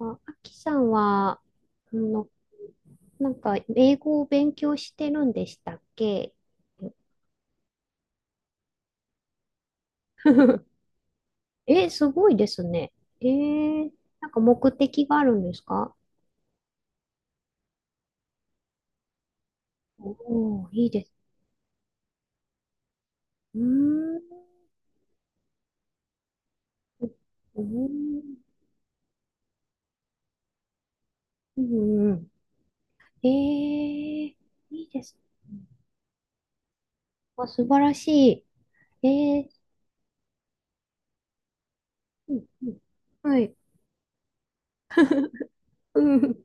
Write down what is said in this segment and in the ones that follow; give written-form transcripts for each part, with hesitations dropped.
あ、あきさんは、あの、なんか、英語を勉強してるんでしたっけ？ え、すごいですね。えー、なんか目的があるんですか？おー、いいです。うーん。うーん。うんうん。いいです。あ、素晴らしい。うんうん。はい。うん。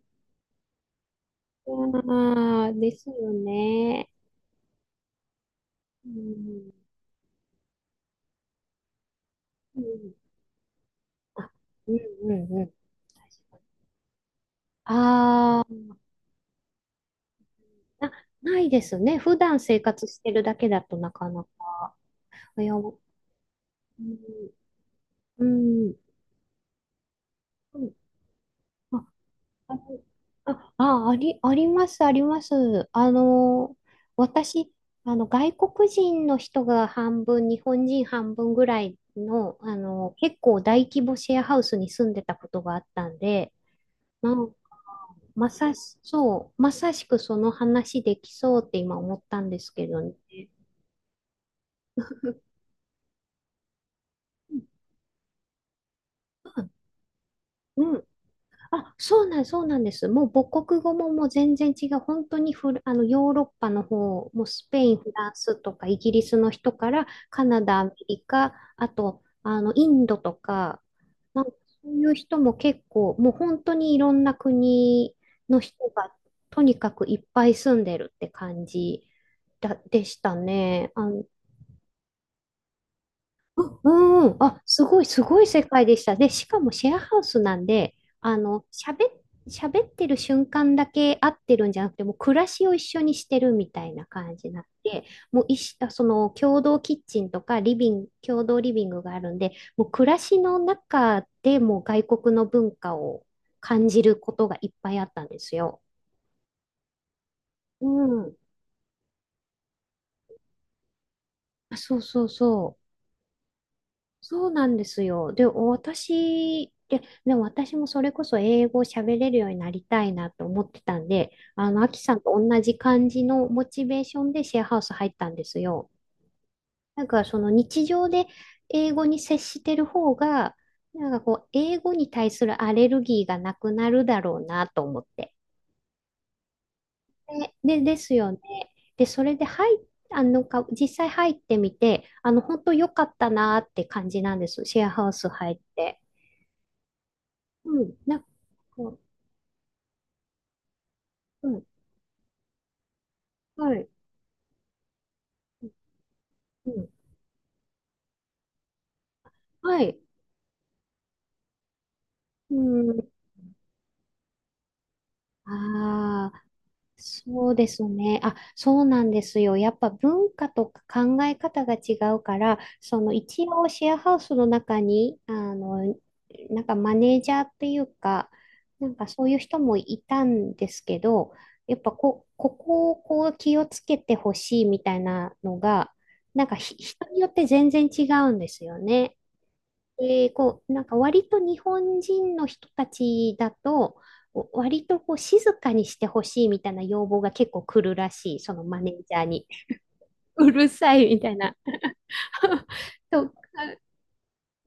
ああ、ですよね。うん。うんあうんうんうん。ああ、な、ないですね。普段生活してるだけだとなかなか。いや、うん、うん、うんあ、あのあ、ああり、あります、あります。私、外国人の人が半分、日本人半分ぐらいの、結構大規模シェアハウスに住んでたことがあったんで、なまさし、そう、まさしくその話できそうって今思ったんですけどね。うん。うんあ、そうなん、そうなんです。もう母国語ももう全然違う。本当にフラ、あの、ヨーロッパの方、もうスペイン、フランスとかイギリスの人から、カナダ、アメリカ、あと、インドとか、なんかそういう人も結構、もう本当にいろんな国の人が、とにかくいっぱい住んでるって感じでしたね。うん、あ、すごい、すごい世界でした。で、しかもシェアハウスなんで、あの、喋っ、喋ってる瞬間だけ会ってるんじゃなくて、もう暮らしを一緒にしてるみたいな感じになってもういし、あその共同キッチンとかリビング、共同リビングがあるんで、もう暮らしの中でもう外国の文化を感じることがいっぱいあったんですよ。うん。あそうそうそう。そうなんですよ。で、私、でも私もそれこそ英語を喋れるようになりたいなと思ってたんで、アキさんと同じ感じのモチベーションでシェアハウス入ったんですよ。なんかその日常で英語に接してる方が、なんかこう、英語に対するアレルギーがなくなるだろうなと思って。ですよね。で、それで入っあのか、実際入ってみて、本当良かったなって感じなんです。シェアハウス入って。うん、なんか、うん、はい、うん、はい、うん、ああ、そうですね。あ、そうなんですよ。やっぱ文化とか考え方が違うから、その一応シェアハウスの中に、なんかマネージャーっていうか、なんかそういう人もいたんですけど、やっぱこ、ここをこう気をつけてほしいみたいなのが、なんか人によって全然違うんですよね。で、こう、なんか割と日本人の人たちだと、割とこう静かにしてほしいみたいな要望が結構来るらしい、そのマネージャーに。うるさいみたいな。と、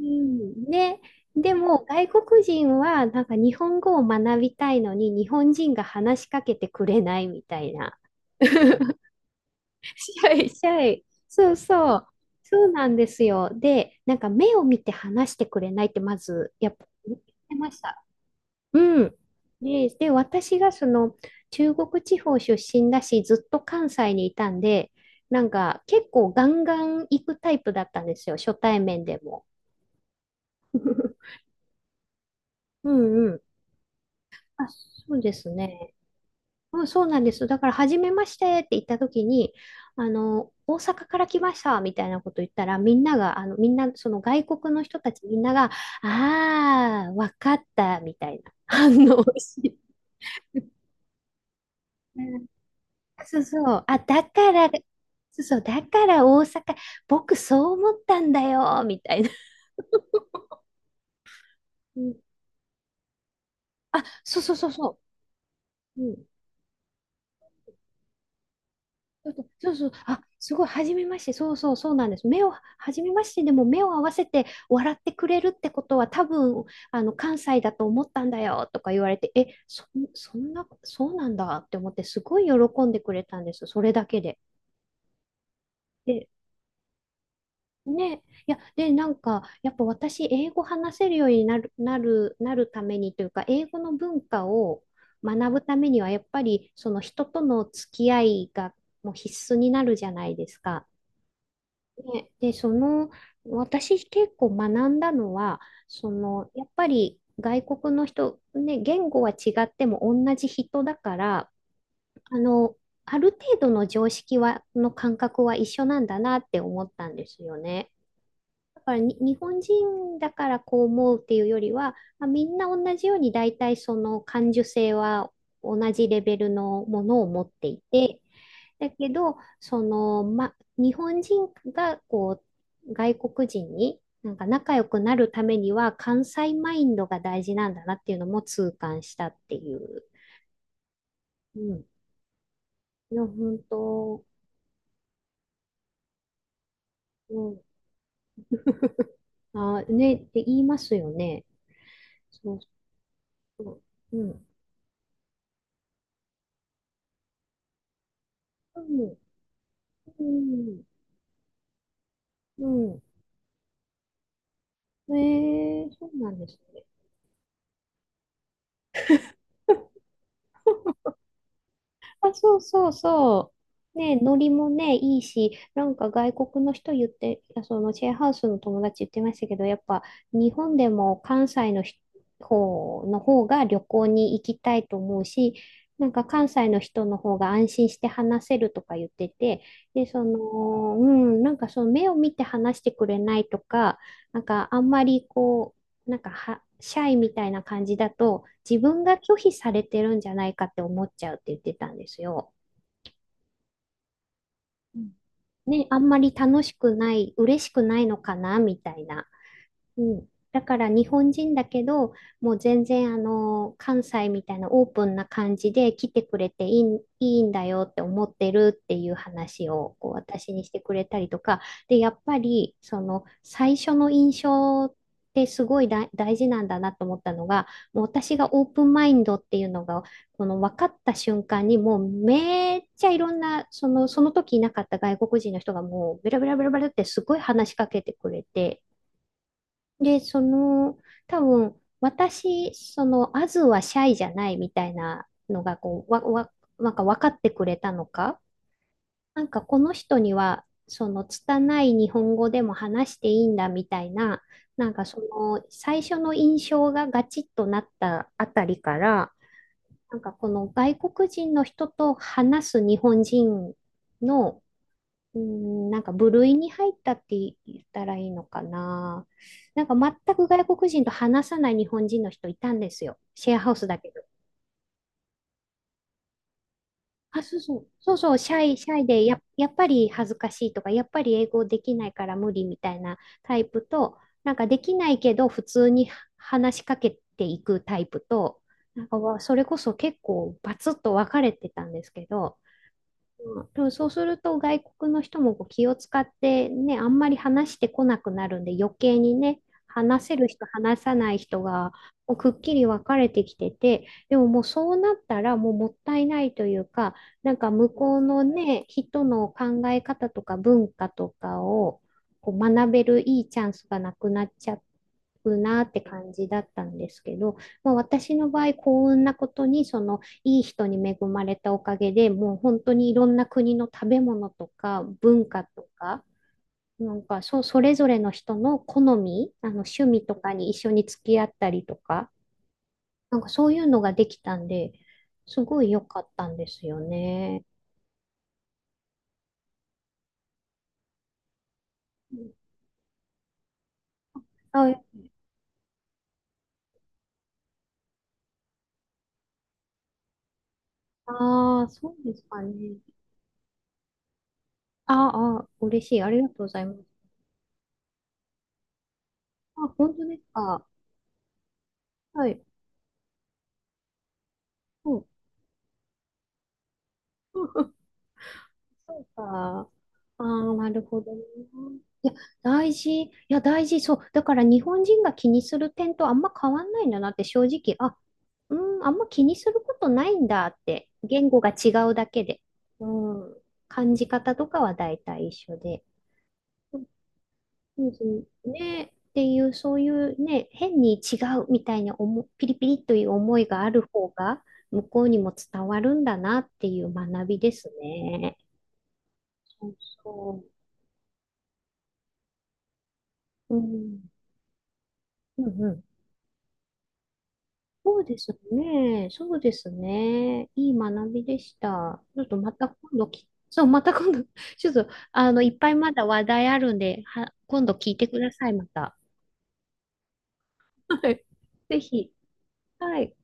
うん、ね。でも外国人はなんか日本語を学びたいのに日本人が話しかけてくれないみたいな。シャイシャイ。そうそう。そうなんですよ。で、なんか目を見て話してくれないってまずやっぱ言ってました。うん。私がその中国地方出身だし、ずっと関西にいたんで、なんか結構ガンガン行くタイプだったんですよ、初対面でも。うんうん。あ、そうですね。うん、そうなんです。だから、初めましてって言った時に、大阪から来ましたみたいなこと言ったら、みんなが、みんな、その外国の人たちみんなが、ああ、わかったみたいな反応をし て。そうそう。あ、だから、そうそう。だから大阪、僕そう思ったんだよ、みたいな。うんあ、そうそうそうそう。うん。そうそうそうそう。あ、すごい、はじめまして。そうそう、そうなんです。目を、はじめまして。でも目を合わせて笑ってくれるってことは多分、関西だと思ったんだよ、とか言われて、え、そんな、そうなんだって思って、すごい喜んでくれたんです。それだけで。でね、いや、で、なんか、やっぱ私、英語話せるようになるためにというか、英語の文化を学ぶためには、やっぱり、その人との付き合いがもう必須になるじゃないですか。ね、で、その、私結構学んだのは、その、やっぱり外国の人、ね、言語は違っても同じ人だから、あの、ある程度の常識は、の感覚は一緒なんだなって思ったんですよね。だからに日本人だからこう思うっていうよりは、まあ、みんな同じように大体その感受性は同じレベルのものを持っていて、だけど、その、ま、日本人がこう外国人になんか仲良くなるためには関西マインドが大事なんだなっていうのも痛感したっていう。うん。いや、本当、うん。あ、ね、って言いますよね。そうそう。うん。うん。うん。うん。ええ、そうなんですね。あ、そうそうそう。ね、ノリもね、いいし、なんか外国の人言って、そのシェアハウスの友達言ってましたけど、やっぱ日本でも関西の人方の方が旅行に行きたいと思うし、なんか関西の人の方が安心して話せるとか言ってて、で、その、うん、なんかその目を見て話してくれないとか、なんかあんまりこう、なんかは、シャイみたいな感じだと、自分が拒否されてるんじゃないかって思っちゃうって言ってたんですよ。うんね、あんまり楽しくない、嬉しくないのかなみたいな。うん、だから日本人だけど、もう全然あの関西みたいなオープンな感じで来てくれていいんだよって思ってるっていう話をこう私にしてくれたりとか、で、やっぱりその最初の印象ってすごい大事なんだなと思ったのが、もう私がオープンマインドっていうのがこの分かった瞬間にもうめっちゃいろんなその時いなかった外国人の人がもうベラベラベラベラってすごい話しかけてくれて。で、その、多分、私、その、アズはシャイじゃないみたいなのが、こう、なんか分かってくれたのか、なんかこの人には、その、拙い日本語でも話していいんだみたいな、なんかその、最初の印象がガチッとなったあたりから、なんかこの外国人の人と話す日本人のうん、なんか部類に入ったって言ったらいいのかな。なんか全く外国人と話さない日本人の人いたんですよ。シェアハウスだけど。あ、そうそう。そうそう、シャイでやっぱり恥ずかしいとか、やっぱり英語できないから無理みたいなタイプと、なんかできないけど普通に話しかけていくタイプと、なんかそれこそ結構バツッと分かれてたんですけど、うんでもそうすると外国の人もこう気を使ってね、あんまり話してこなくなるんで余計にね、話せる人、話さない人がこうくっきり分かれてきてて、でももうそうなったらもうもったいないというか、なんか向こうのね、人の考え方とか文化とかをこう学べるいいチャンスがなくなっちゃうなって感じだったんですけど、まあ、私の場合幸運なことにそのいい人に恵まれたおかげで、もう本当にいろんな国の食べ物とか文化とか、なんかそれぞれの人の好み、趣味とかに一緒に付き合ったりとか、なんかそういうのができたんで、すごい良かったんですよね。あ、ああ、そうですかね。あーあー、嬉しい。ありがとうございます。あ、本当ですか。はい。うん。そうか。ああ、なるほどね。大事。いや、大事。そう。だから日本人が気にする点とあんま変わんないんだなって正直、あ、うん、あんま気にすることないんだって、言語が違うだけで。うん。感じ方とかは大体一緒で。うんうんねっていう、そういうね、変に違うみたいなピリピリという思いがある方が、向こうにも伝わるんだなっていう学びですね。そうそう。うん。うんうん。そうですね。そうですね。いい学びでした。ちょっとまた今度き、そう、また今度、ちょっと、いっぱいまだ話題あるんで、今度聞いてください、また。はい。ぜひ。はい。